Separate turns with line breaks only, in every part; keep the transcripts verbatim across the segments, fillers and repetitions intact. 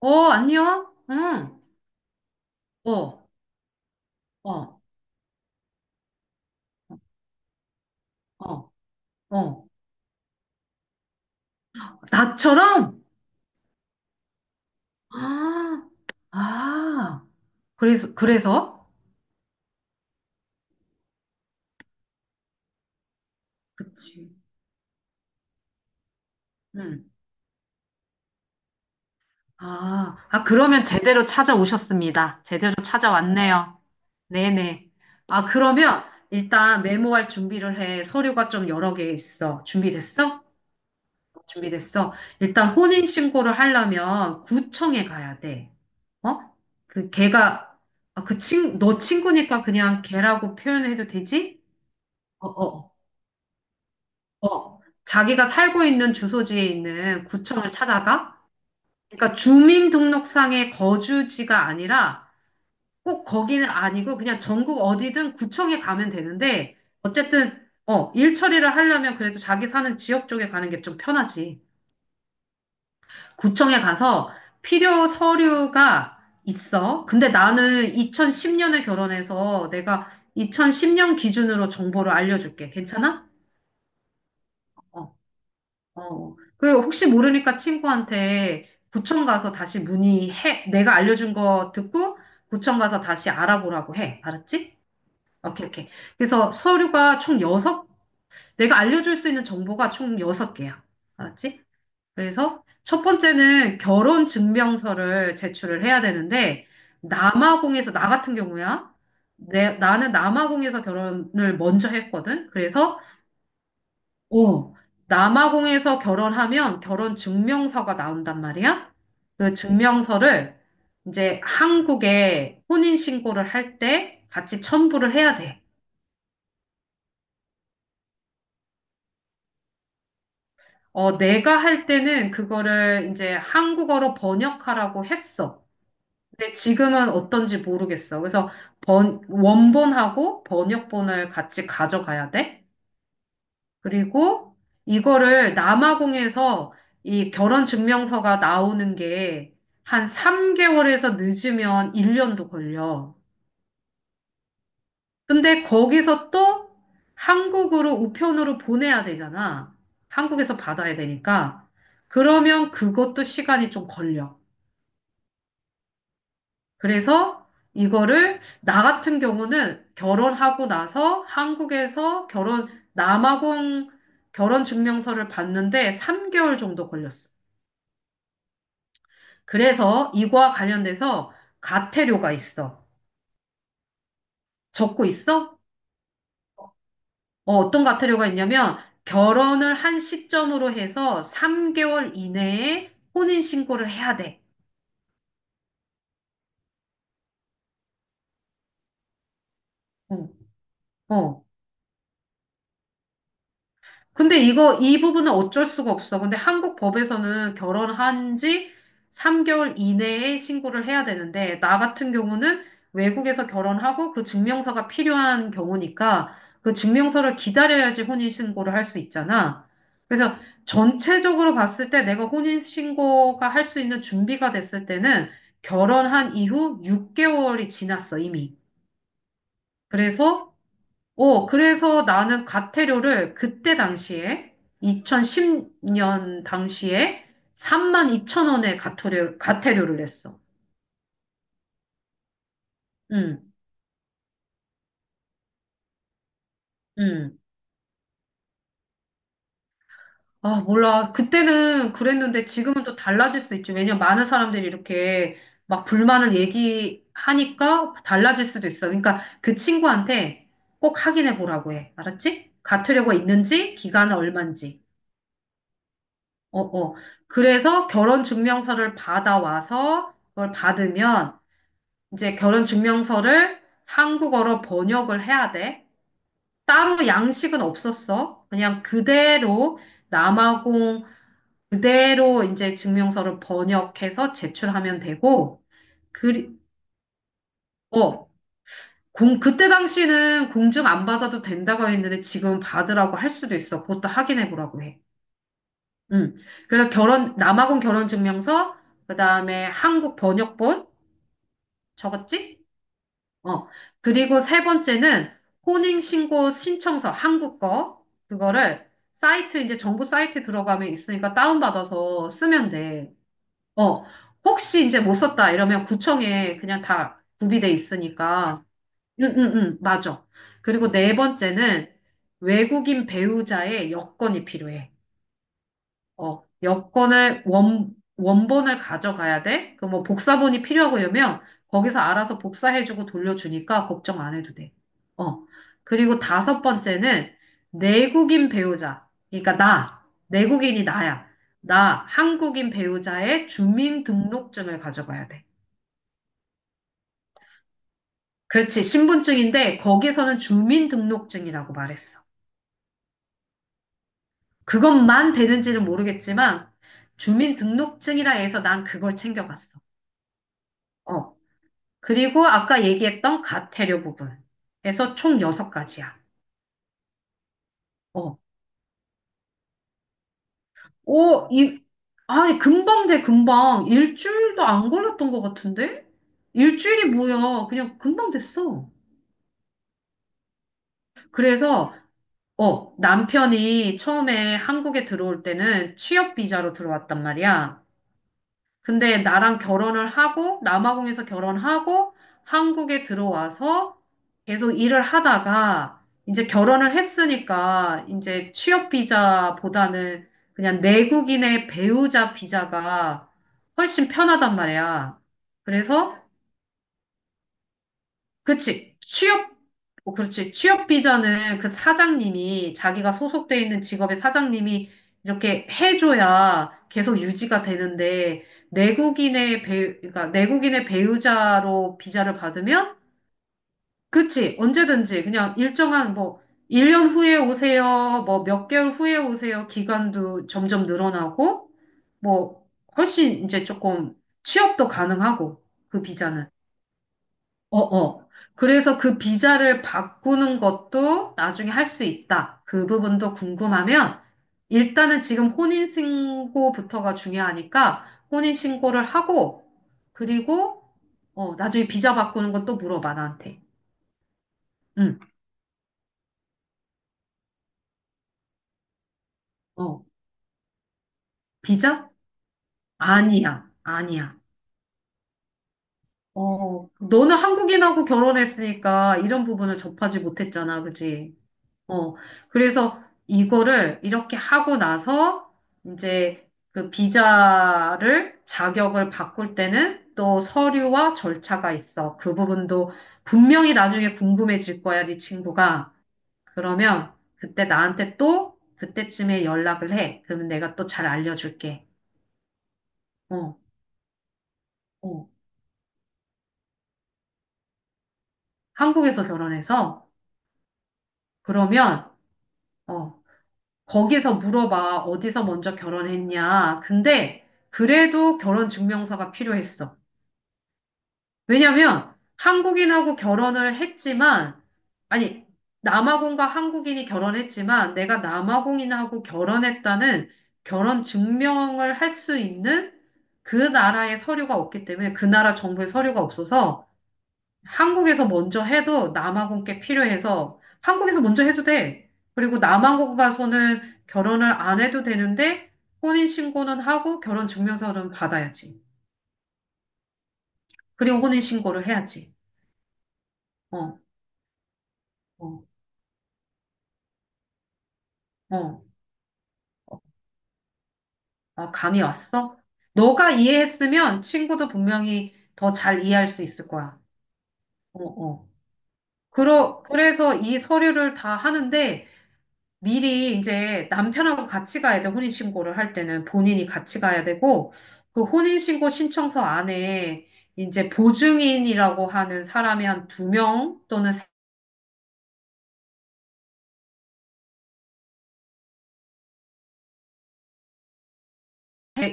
어, 안녕? 응. 어, 어, 어, 어. 나처럼? 아, 아. 그래서, 그래서? 그치. 응. 아, 아, 그러면 제대로 찾아오셨습니다. 제대로 찾아왔네요. 네네. 아, 그러면 일단 메모할 준비를 해. 서류가 좀 여러 개 있어. 준비됐어? 준비됐어. 일단 혼인신고를 하려면 구청에 가야 돼. 어? 그 걔가 아, 그 친, 너 친구니까 그냥 걔라고 표현해도 되지? 어, 어, 어. 자기가 살고 있는 주소지에 있는 구청을 찾아가? 그러니까 주민등록상의 거주지가 아니라 꼭 거기는 아니고 그냥 전국 어디든 구청에 가면 되는데 어쨌든 어, 일 처리를 하려면 그래도 자기 사는 지역 쪽에 가는 게 좀 편하지. 구청에 가서 필요 서류가 있어. 근데 나는 이천십 년에 결혼해서 내가 이천십 년 기준으로 정보를 알려줄게. 괜찮아? 어, 어. 어. 그리고 혹시 모르니까 친구한테 구청 가서 다시 문의해. 내가 알려준 거 듣고 구청 가서 다시 알아보라고 해. 알았지? 오케이, 오케이. 그래서 서류가 총 여섯. 내가 알려줄 수 있는 정보가 총 여섯 개야. 알았지? 그래서 첫 번째는 결혼 증명서를 제출을 해야 되는데, 남아공에서, 나 같은 경우야, 내, 나는 남아공에서 결혼을 먼저 했거든. 그래서, 어, 남아공에서 결혼하면 결혼 증명서가 나온단 말이야. 그 증명서를 이제 한국에 혼인신고를 할 때 같이 첨부를 해야 돼. 어, 내가 할 때는 그거를 이제 한국어로 번역하라고 했어. 근데 지금은 어떤지 모르겠어. 그래서 번, 원본하고 번역본을 같이 가져가야 돼. 그리고 이거를 남아공에서 이 결혼 증명서가 나오는 게 한 삼 개월에서 늦으면 일 년도 걸려. 근데 거기서 또 한국으로 우편으로 보내야 되잖아. 한국에서 받아야 되니까. 그러면 그것도 시간이 좀 걸려. 그래서 이거를 나 같은 경우는 결혼하고 나서 한국에서 결혼 남아공 결혼 증명서를 받는데 삼 개월 정도 걸렸어. 그래서 이거와 관련돼서 가태료가 있어. 적고 있어? 어, 어떤 가태료가 있냐면 결혼을 한 시점으로 해서 삼 개월 이내에 혼인 신고를 해야 돼. 어, 어. 근데 이거, 이 부분은 어쩔 수가 없어. 근데 한국 법에서는 결혼한 지 삼 개월 이내에 신고를 해야 되는데, 나 같은 경우는 외국에서 결혼하고 그 증명서가 필요한 경우니까 그 증명서를 기다려야지 혼인신고를 할 수 있잖아. 그래서 전체적으로 봤을 때 내가 혼인신고가 할 수 있는 준비가 됐을 때는 결혼한 이후 육 개월이 지났어, 이미. 그래서 어, 그래서 나는 과태료를 그때 당시에, 이천십 년 당시에 삼 이천 원의 과태료, 과태료를 냈어. 응, 응. 아, 몰라. 그때는 그랬는데 지금은 또 달라질 수 있지. 왜냐면 많은 사람들이 이렇게 막 불만을 얘기하니까 달라질 수도 있어. 그러니까 그 친구한테 꼭 확인해 보라고 해. 알았지? 과태료가 있는지, 기간은 얼만지. 어, 어. 그래서 결혼 증명서를 받아와서 그걸 받으면 이제 결혼 증명서를 한국어로 번역을 해야 돼. 따로 양식은 없었어. 그냥 그대로 남아공 그대로 이제 증명서를 번역해서 제출하면 되고, 그, 어, 공, 그때 당시는 공증 안 받아도 된다고 했는데 지금 받으라고 할 수도 있어. 그것도 확인해 보라고 해. 음. 그래서 결혼, 남아공 결혼 증명서, 그 다음에 한국 번역본, 적었지? 어. 그리고 세 번째는 혼인신고 신청서, 한국 거. 그거를 사이트, 이제 정부 사이트 들어가면 있으니까 다운받아서 쓰면 돼. 어. 혹시 이제 못 썼다 이러면 구청에 그냥 다 구비돼 있으니까. 응, 응, 응, 맞아. 그리고 네 번째는 외국인 배우자의 여권이 필요해. 어, 여권을 원, 원본을 가져가야 돼? 그 뭐 복사본이 필요하고 이러면 거기서 알아서 복사해주고 돌려주니까 걱정 안 해도 돼. 어. 그리고 다섯 번째는 내국인 배우자. 그러니까 나, 내국인이 나야. 나 한국인 배우자의 주민등록증을 가져가야 돼. 그렇지. 신분증인데 거기서는 주민등록증이라고 말했어. 그것만 되는지는 모르겠지만 주민등록증이라 해서 난 그걸 챙겨갔어. 어, 그리고 아까 얘기했던 가태료 부분에서 총 여섯 가지야 어. 오, 이, 아, 금방 돼, 금방. 일주일도 안 걸렸던 것 같은데? 일주일이 뭐야. 그냥 금방 됐어. 그래서, 어, 남편이 처음에 한국에 들어올 때는 취업 비자로 들어왔단 말이야. 근데 나랑 결혼을 하고 남아공에서 결혼하고 한국에 들어와서 계속 일을 하다가 이제 결혼을 했으니까 이제 취업 비자보다는 그냥 내국인의 배우자 비자가 훨씬 편하단 말이야. 그래서 그치. 취업, 어, 그렇지. 취업 비자는 그 사장님이 자기가 소속돼 있는 직업의 사장님이 이렇게 해줘야 계속 유지가 되는데 내국인의 배우, 그러니까 내국인의 배우자로 비자를 받으면 그치. 언제든지 그냥 일정한 뭐 일 년 후에 오세요. 뭐 몇 개월 후에 오세요. 기간도 점점 늘어나고 뭐 훨씬 이제 조금 취업도 가능하고 그 비자는. 어, 어. 그래서 그 비자를 바꾸는 것도 나중에 할 수 있다. 그 부분도 궁금하면 일단은 지금 혼인신고부터가 중요하니까 혼인신고를 하고 그리고 어, 나중에 비자 바꾸는 건 또 물어봐 나한테. 응. 어. 비자? 아니야. 아니야. 어, 너는 한국인하고 결혼했으니까 이런 부분을 접하지 못했잖아. 그지? 어, 그래서 이거를 이렇게 하고 나서 이제 그 비자를 자격을 바꿀 때는 또 서류와 절차가 있어. 그 부분도 분명히 나중에 궁금해질 거야, 네 친구가. 그러면 그때 나한테 또 그때쯤에 연락을 해. 그러면 내가 또 잘 알려줄게. 어, 어. 한국에서 결혼해서 그러면 어, 거기서 물어봐. 어디서 먼저 결혼했냐. 근데 그래도 결혼 증명서가 필요했어. 왜냐면 한국인하고 결혼을 했지만, 아니, 남아공과 한국인이 결혼했지만, 내가 남아공인하고 결혼했다는 결혼 증명을 할 수 있는 그 나라의 서류가 없기 때문에, 그 나라 정부의 서류가 없어서, 한국에서 먼저 해도 남아공 께 필요해서, 한국에서 먼저 해도 돼. 그리고 남아공 가서는 결혼을 안 해도 되는데, 혼인신고는 하고 결혼 증명서는 받아야지. 그리고 혼인신고를 해야지. 어, 어. 어. 아, 감이 왔어? 너가 이해했으면 친구도 분명히 더 잘 이해할 수 있을 거야. 어, 어. 그러, 그래서 이 서류를 다 하는데 미리 이제 남편하고 같이 가야 돼. 혼인신고를 할 때는 본인이 같이 가야 되고 그 혼인신고 신청서 안에 이제 보증인이라고 하는 사람이 한 두 명 또는 세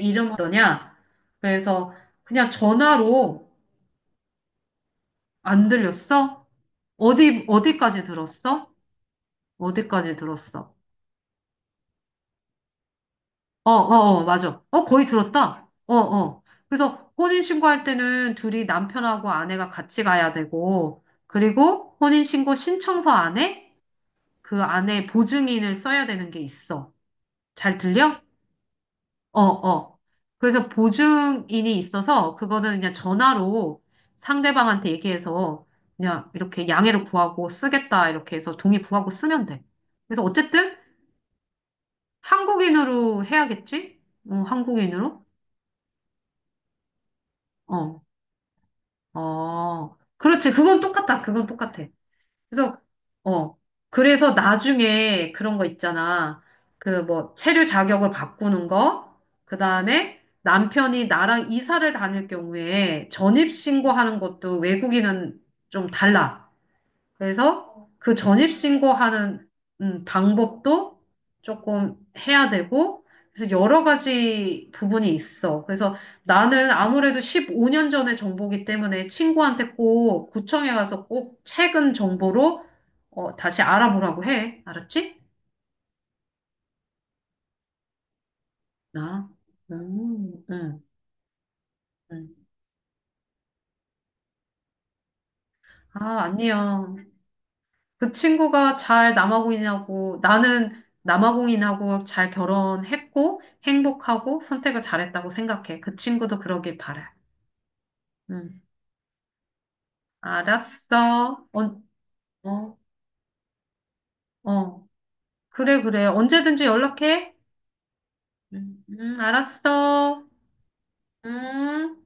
이름 어떠냐? 그래서 그냥 전화로 안 들렸어? 어디, 어디까지 들었어? 어디까지 들었어? 어, 어, 어, 맞아. 어, 거의 들었다. 어, 어. 그래서 혼인신고할 때는 둘이 남편하고 아내가 같이 가야 되고, 그리고 혼인신고 신청서 안에 그 안에 보증인을 써야 되는 게 있어. 잘 들려? 어, 어. 그래서 보증인이 있어서 그거는 그냥 전화로 상대방한테 얘기해서 그냥 이렇게 양해를 구하고 쓰겠다 이렇게 해서 동의 구하고 쓰면 돼. 그래서 어쨌든 한국인으로 해야겠지? 어, 한국인으로? 어. 어, 그렇지. 그건 똑같다. 그건 똑같아. 그래서, 어, 그래서 나중에 그런 거 있잖아. 그 뭐, 체류 자격을 바꾸는 거, 그 다음에 남편이 나랑 이사를 다닐 경우에 전입 신고하는 것도 외국인은 좀 달라. 그래서 그 전입신고하는 음, 방법도 조금 해야 되고, 그래서 여러 가지 부분이 있어. 그래서 나는 아무래도 십오 년 전의 정보기 때문에 친구한테 꼭 구청에 가서 꼭 최근 정보로 어, 다시 알아보라고 해. 알았지? 나. 음, 음, 음. 아, 아니야. 그 친구가 잘 남아공인하고 나는 남아공인하고 잘 결혼했고 행복하고 선택을 잘했다고 생각해. 그 친구도 그러길 바래. 음, 알았어. 언, 어, 어. 그래, 그래. 언제든지 연락해. 음, 음, 알았어. 음.